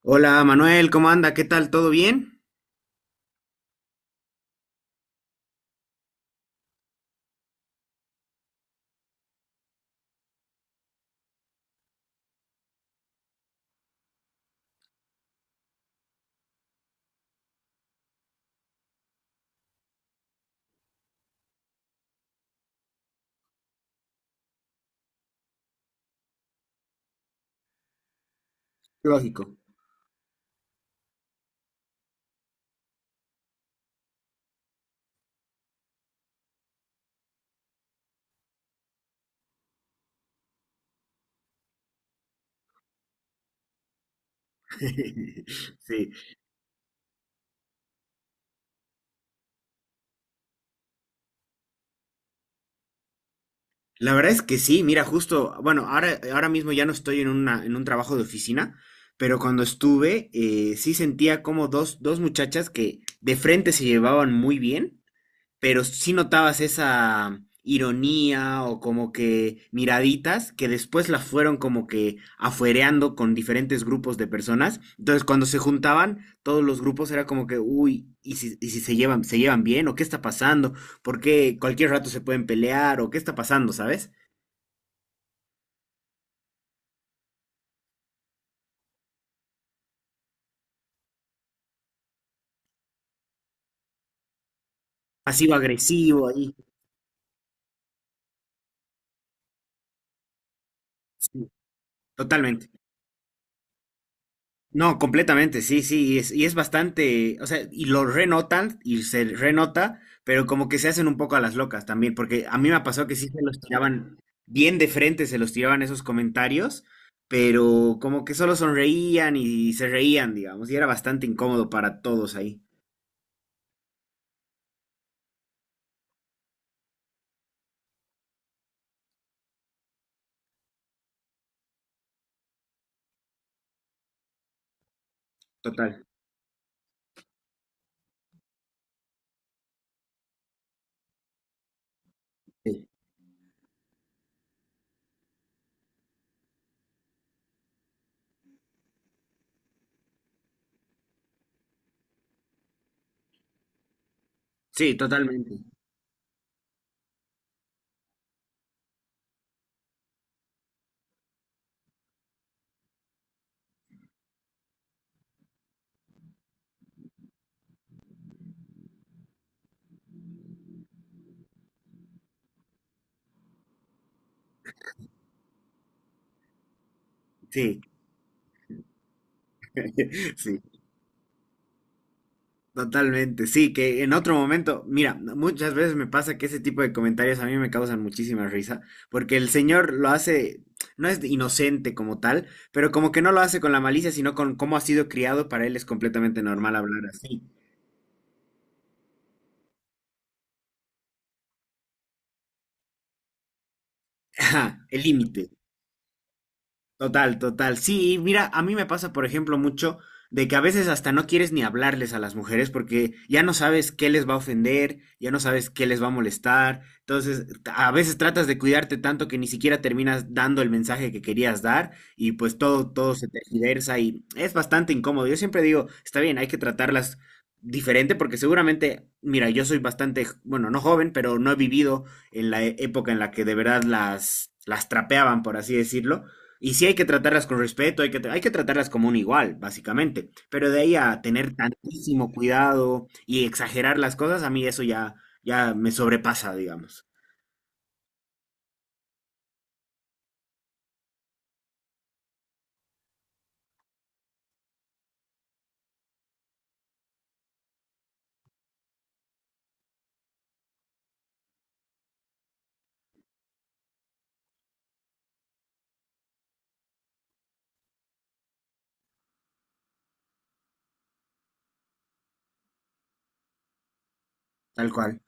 Hola Manuel, ¿cómo anda? ¿Qué tal? ¿Todo bien? Lógico. Sí, la verdad es que sí, mira, justo, bueno, ahora mismo ya no estoy en un trabajo de oficina, pero cuando estuve, sí sentía como dos muchachas que de frente se llevaban muy bien, pero sí notabas esa ironía o como que miraditas que después las fueron como que afuereando con diferentes grupos de personas. Entonces, cuando se juntaban, todos los grupos era como que, uy, y si se llevan, se llevan bien? ¿O qué está pasando? ¿Por qué cualquier rato se pueden pelear? ¿O qué está pasando, sabes? Pasivo agresivo ahí. Sí, totalmente. No, completamente, sí, sí, y es bastante, o sea, y lo renotan y se renota, pero como que se hacen un poco a las locas también, porque a mí me pasó que sí se los tiraban bien de frente, se los tiraban esos comentarios, pero como que solo sonreían y se reían, digamos, y era bastante incómodo para todos ahí. Total. Sí, sí, totalmente. Sí, sí. Totalmente, sí, que en otro momento, mira, muchas veces me pasa que ese tipo de comentarios a mí me causan muchísima risa, porque el señor lo hace, no es inocente como tal, pero como que no lo hace con la malicia, sino con cómo ha sido criado. Para él es completamente normal hablar así. Ajá, el límite. Total, total. Sí, y mira, a mí me pasa, por ejemplo, mucho de que a veces hasta no quieres ni hablarles a las mujeres porque ya no sabes qué les va a ofender, ya no sabes qué les va a molestar. Entonces, a veces tratas de cuidarte tanto que ni siquiera terminas dando el mensaje que querías dar y pues todo se tergiversa y es bastante incómodo. Yo siempre digo, está bien, hay que tratarlas diferente porque seguramente, mira, yo soy bastante, bueno, no joven, pero no he vivido en la época en la que de verdad las trapeaban, por así decirlo. Y sí hay que tratarlas con respeto, hay que tratarlas como un igual, básicamente. Pero de ahí a tener tantísimo cuidado y exagerar las cosas, a mí eso ya me sobrepasa, digamos. Tal cual.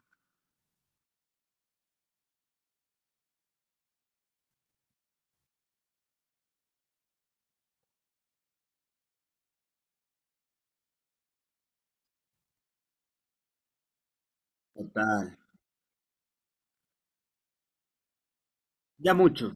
Total. Ya mucho.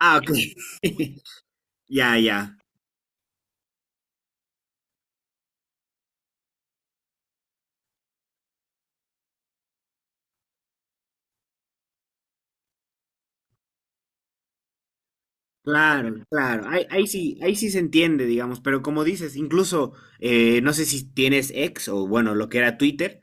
Ah, ok. Ya, ya. Claro, claro. Ahí sí se entiende, digamos. Pero como dices, incluso, no sé si tienes ex o bueno, lo que era Twitter.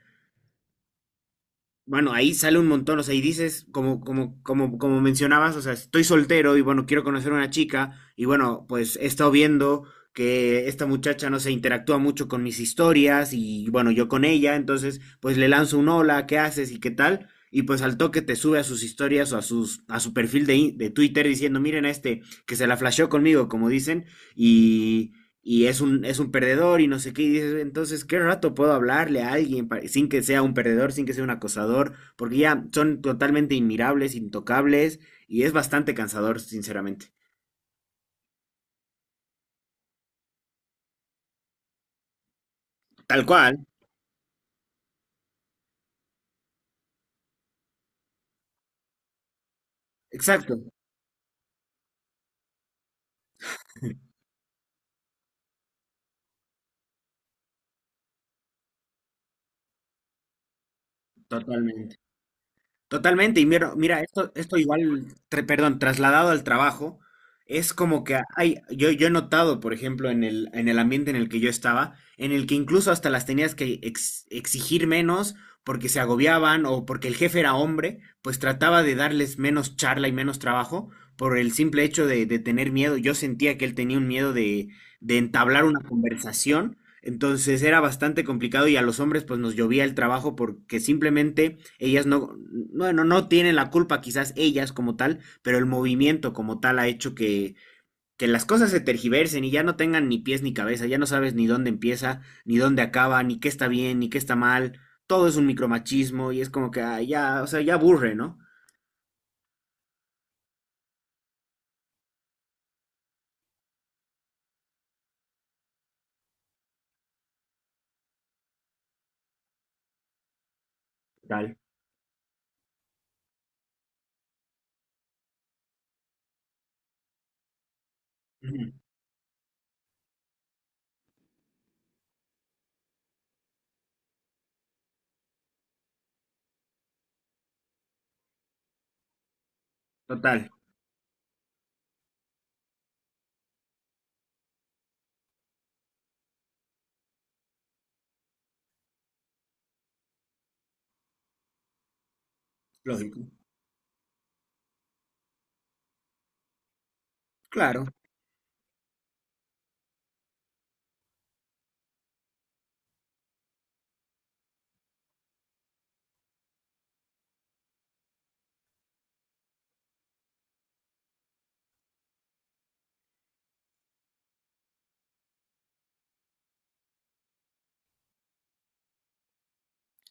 Bueno, ahí sale un montón, o sea, y dices, como mencionabas, o sea, estoy soltero y bueno, quiero conocer a una chica, y bueno, pues he estado viendo que esta muchacha, no se interactúa mucho con mis historias, y bueno, yo con ella, entonces, pues le lanzo un hola, ¿qué haces y qué tal? Y pues al toque te sube a sus historias o a su perfil de, Twitter diciendo, miren a este, que se la flasheó conmigo, como dicen, y es un perdedor y no sé qué, y dices, entonces, ¿qué rato puedo hablarle a alguien sin que sea un perdedor, sin que sea un acosador? Porque ya son totalmente inmirables, intocables, y es bastante cansador, sinceramente. Tal cual. Exacto, totalmente. Totalmente, y mira, esto, esto igual, perdón, trasladado al trabajo, es como que hay, yo he notado, por ejemplo, en el ambiente en el que yo estaba, en el que incluso hasta las tenías que exigir menos porque se agobiaban o porque el jefe era hombre, pues trataba de darles menos charla y menos trabajo por el simple hecho de tener miedo. Yo sentía que él tenía un miedo de entablar una conversación. Entonces era bastante complicado y a los hombres pues nos llovía el trabajo porque simplemente ellas no, bueno, no tienen la culpa quizás ellas como tal, pero el movimiento como tal ha hecho que las cosas se tergiversen y ya no tengan ni pies ni cabeza, ya no sabes ni dónde empieza, ni dónde acaba, ni qué está bien, ni qué está mal, todo es un micromachismo y es como que ah, ya, o sea, ya aburre, ¿no? Total. Ujú. Total. Lógico. Claro,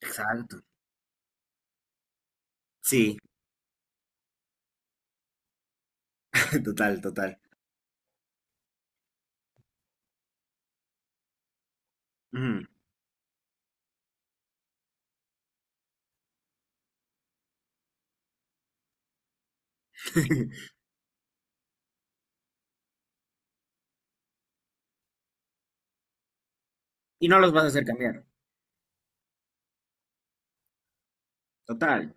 exacto. Sí, total, total. Ujú. Y no los vas a hacer cambiar. Total,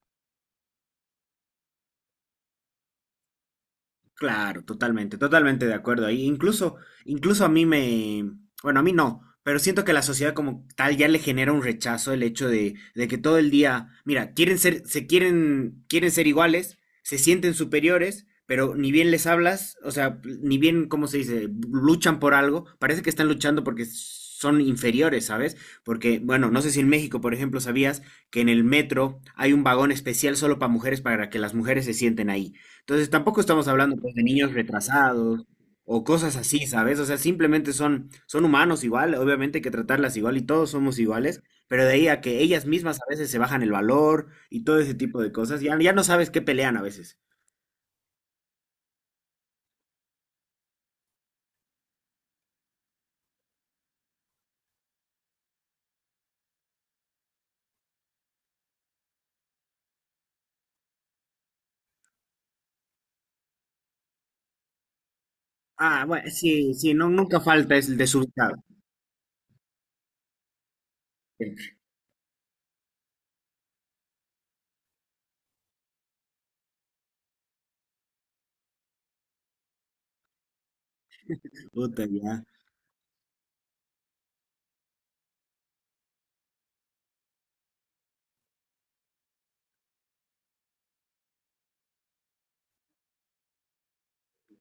claro, totalmente, totalmente de acuerdo. Ahí incluso, incluso a mí me, bueno, a mí no, pero siento que la sociedad como tal ya le genera un rechazo el hecho de que todo el día, mira, quieren ser, quieren ser iguales, se sienten superiores, pero ni bien les hablas, o sea, ni bien, ¿cómo se dice? Luchan por algo, parece que están luchando porque son inferiores, ¿sabes? Porque, bueno, no sé si en México, por ejemplo, sabías que en el metro hay un vagón especial solo para mujeres para que las mujeres se sienten ahí. Entonces tampoco estamos hablando pues, de niños retrasados o cosas así, ¿sabes? O sea, simplemente son, son humanos igual, obviamente hay que tratarlas igual y todos somos iguales, pero de ahí a que ellas mismas a veces se bajan el valor y todo ese tipo de cosas, ya, ya no sabes qué pelean a veces. Ah, bueno, sí, sí, no, nunca falta es el desubicado. Puta, ya.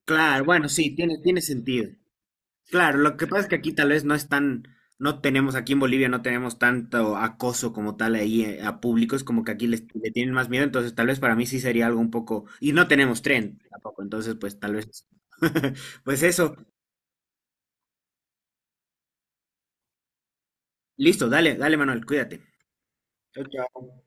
Claro, bueno, sí, tiene, tiene sentido. Claro, lo que pasa es que aquí tal vez no es tan, no tenemos, aquí en Bolivia no tenemos tanto acoso como tal ahí a públicos, como que aquí le tienen más miedo, entonces tal vez para mí sí sería algo un poco, y no tenemos tren tampoco, entonces pues tal vez, pues eso, listo, dale, dale Manuel, cuídate. Chao, chao.